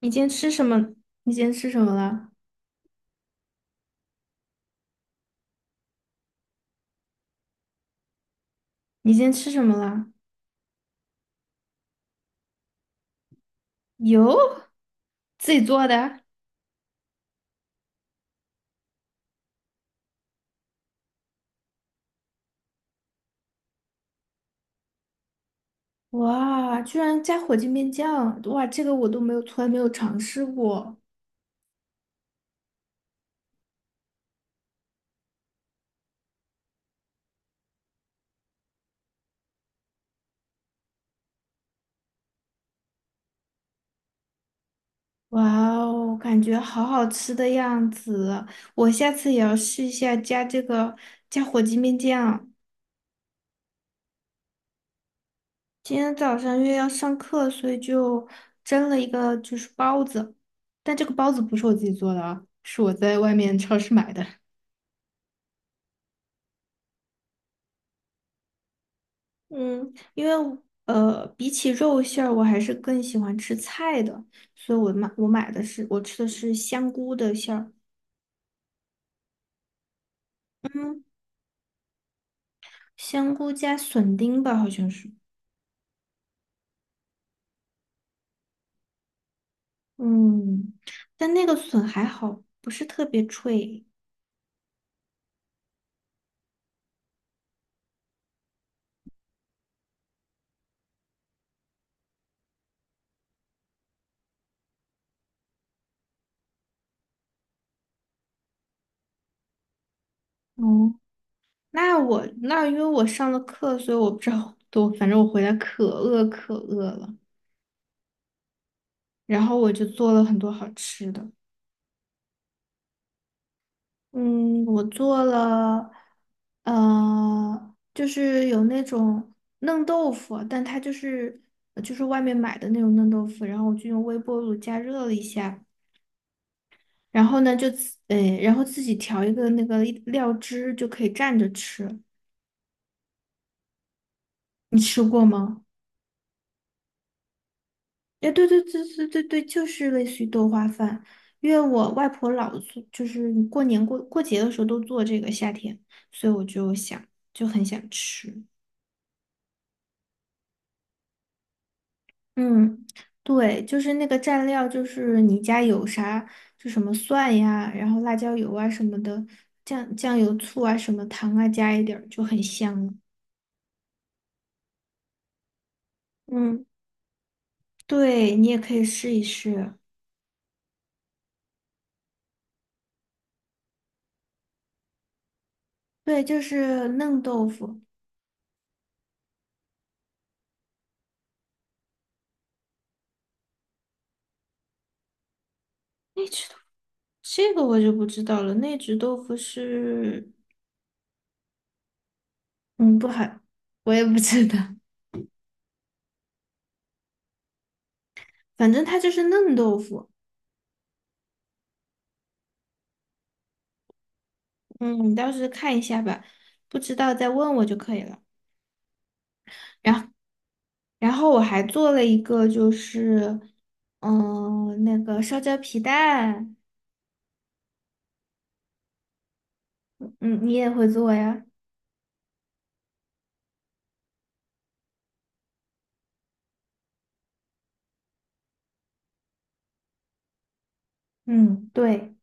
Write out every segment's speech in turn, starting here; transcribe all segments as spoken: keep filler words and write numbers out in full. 你今天吃什么？你今天吃什么了？你今天吃什么了？油自己做的？哇，居然加火鸡面酱！哇，这个我都没有，从来没有尝试过。哇哦，感觉好好吃的样子，我下次也要试一下加这个加火鸡面酱。今天早上因为要上课，所以就蒸了一个就是包子，但这个包子不是我自己做的啊，是我在外面超市买的。嗯，因为呃，比起肉馅儿，我还是更喜欢吃菜的，所以我买我买的是我吃的是香菇的馅儿。嗯，香菇加笋丁吧，好像是。嗯，但那个笋还好，不是特别脆。哦，那我那因为我上了课，所以我不知道，我反正我回来可饿可饿了，然后我就做了很多好吃的。嗯，我做了，呃，就是有那种嫩豆腐，但它就是呃就是外面买的那种嫩豆腐，然后我就用微波炉加热了一下，然后呢就自，诶，然后自己调一个那个料汁就可以蘸着吃。你吃过吗？哎，对对对对对对，就是类似于豆花饭，因为我外婆老做，就是过年过过节的时候都做这个夏天，所以我就想就很想吃。嗯，对，就是那个蘸料，就是你家有啥，就什么蒜呀，然后辣椒油啊什么的，酱酱油、醋啊，什么糖啊，加一点儿就很香了。嗯，对，你也可以试一试。对，就是嫩豆腐。那只豆这个我就不知道了。那只豆腐是，嗯，不好，我也不知道，反正它就是嫩豆腐。嗯，你到时看一下吧，不知道再问我就可以了。然后。然后我还做了一个，就是，嗯、那个烧焦皮蛋。嗯，你也会做呀？嗯，对。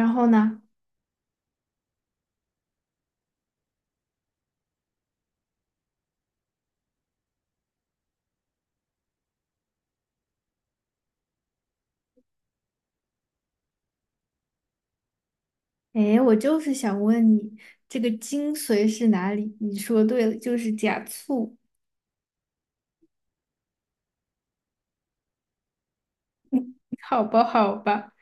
然后呢？哎，我就是想问你，这个精髓是哪里？你说对了，就是假醋。好吧，好吧。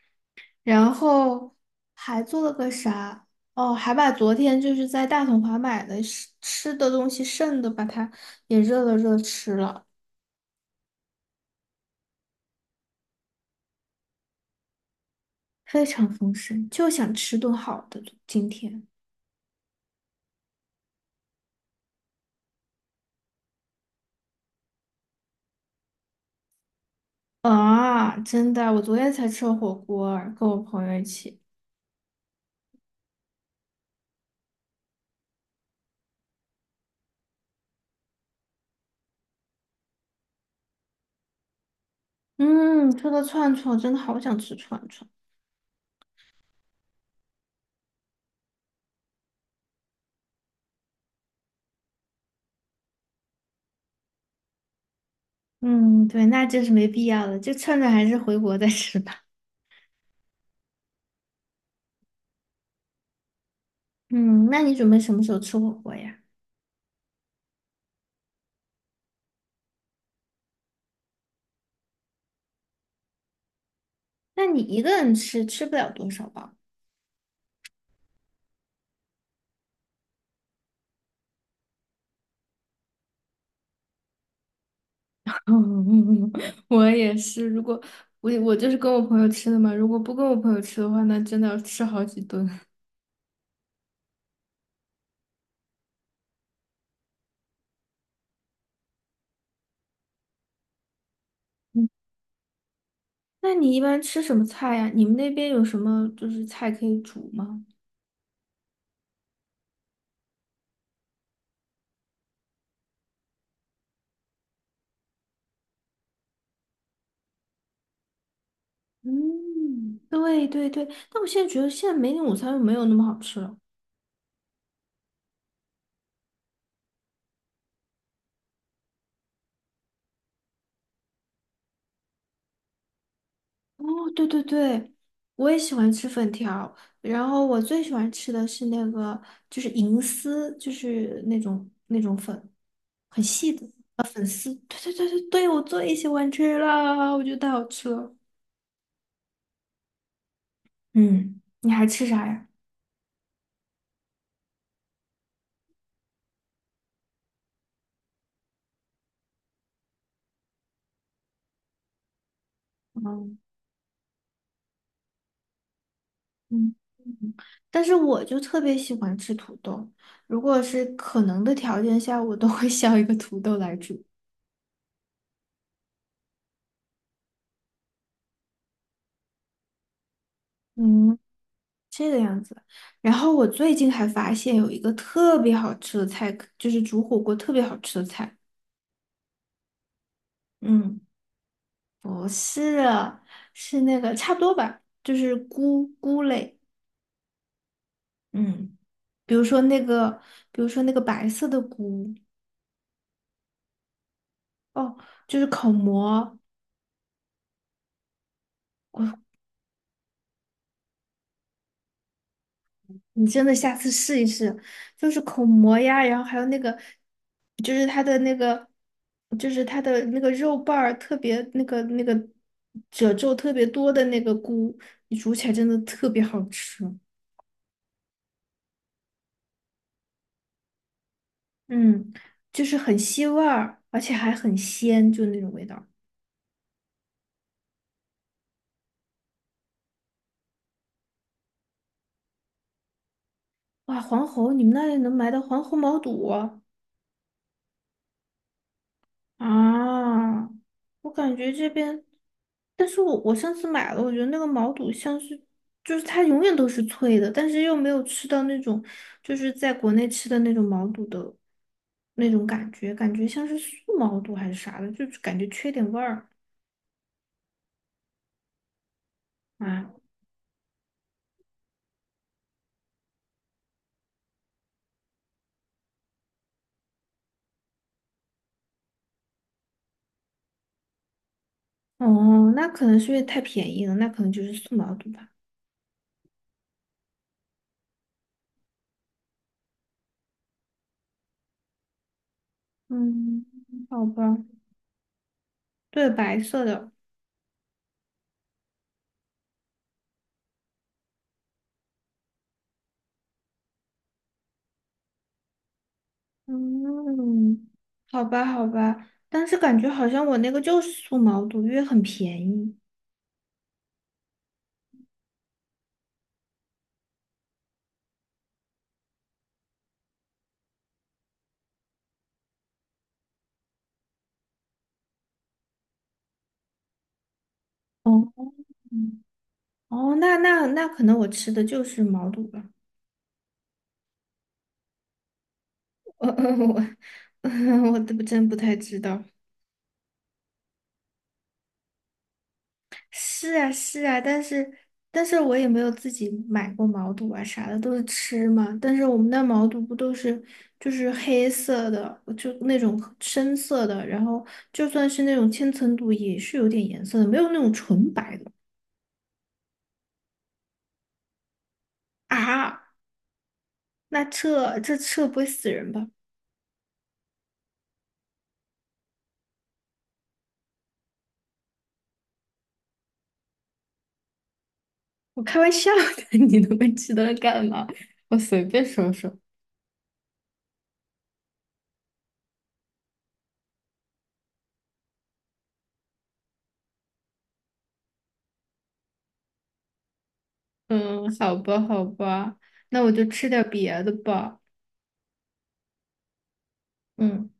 然后还做了个啥？哦，还把昨天就是在大统华买的吃吃的东西剩的，把它也热了热吃了，非常丰盛，就想吃顿好的今天。啊，真的，我昨天才吃了火锅儿跟我朋友一起。嗯，吃个串串，真的好想吃串串。嗯，对，那真是没必要了，就串串还是回国再吃吧。嗯，那你准备什么时候吃火锅呀？那你一个人吃，吃不了多少吧？嗯，我也是，如果我我就是跟我朋友吃的嘛，如果不跟我朋友吃的话，那真的要吃好几顿。嗯，那你一般吃什么菜呀？你们那边有什么就是菜可以煮吗？嗯，对对对，但我现在觉得现在梅岭午餐肉没有那么好吃了。哦，对对对，我也喜欢吃粉条，然后我最喜欢吃的是那个就是银丝，就是那种那种粉，很细的。啊粉丝。对对对对对，我最喜欢吃了，我觉得太好吃了。嗯，你还吃啥呀？嗯嗯嗯，但是我就特别喜欢吃土豆，如果是可能的条件下，我都会削一个土豆来煮。嗯，这个样子。然后我最近还发现有一个特别好吃的菜，就是煮火锅特别好吃的菜。嗯，不是啊，是那个差不多吧，就是菇菇类，嗯，比如说那个，比如说那个白色的菇。哦，就是口蘑。我你真的下次试一试，就是口蘑呀，然后还有那个，就是它的那个，就是它的那个肉瓣儿特别那个那个褶皱特别多的那个菇，你煮起来真的特别好吃。嗯，就是很吸味儿，而且还很鲜，就那种味道。哇，黄喉，你们那里能买到黄喉毛肚啊？啊，我感觉这边，但是我我上次买了，我觉得那个毛肚像是，就是它永远都是脆的，但是又没有吃到那种，就是在国内吃的那种毛肚的那种感觉，感觉像是素毛肚还是啥的，就是感觉缺点味儿啊。哦，那可能是因为太便宜了，那可能就是素毛肚吧。嗯，好吧，对，白色的。嗯，好吧，好吧，但是感觉好像我那个就是素毛肚，因为很便宜。哦，嗯哦，那那那可能我吃的就是毛肚吧，我 我 我都真不太知道。是啊，是啊，但是但是我也没有自己买过毛肚啊啥的，都是吃嘛。但是我们那毛肚不都是就是黑色的，就那种深色的，然后就算是那种千层肚也是有点颜色的，没有那种纯白的。啊，那这这这不会死人吧？我开玩笑的，你那么激动干嘛？我随便说说。嗯，好吧，好吧，那我就吃点别的吧。嗯。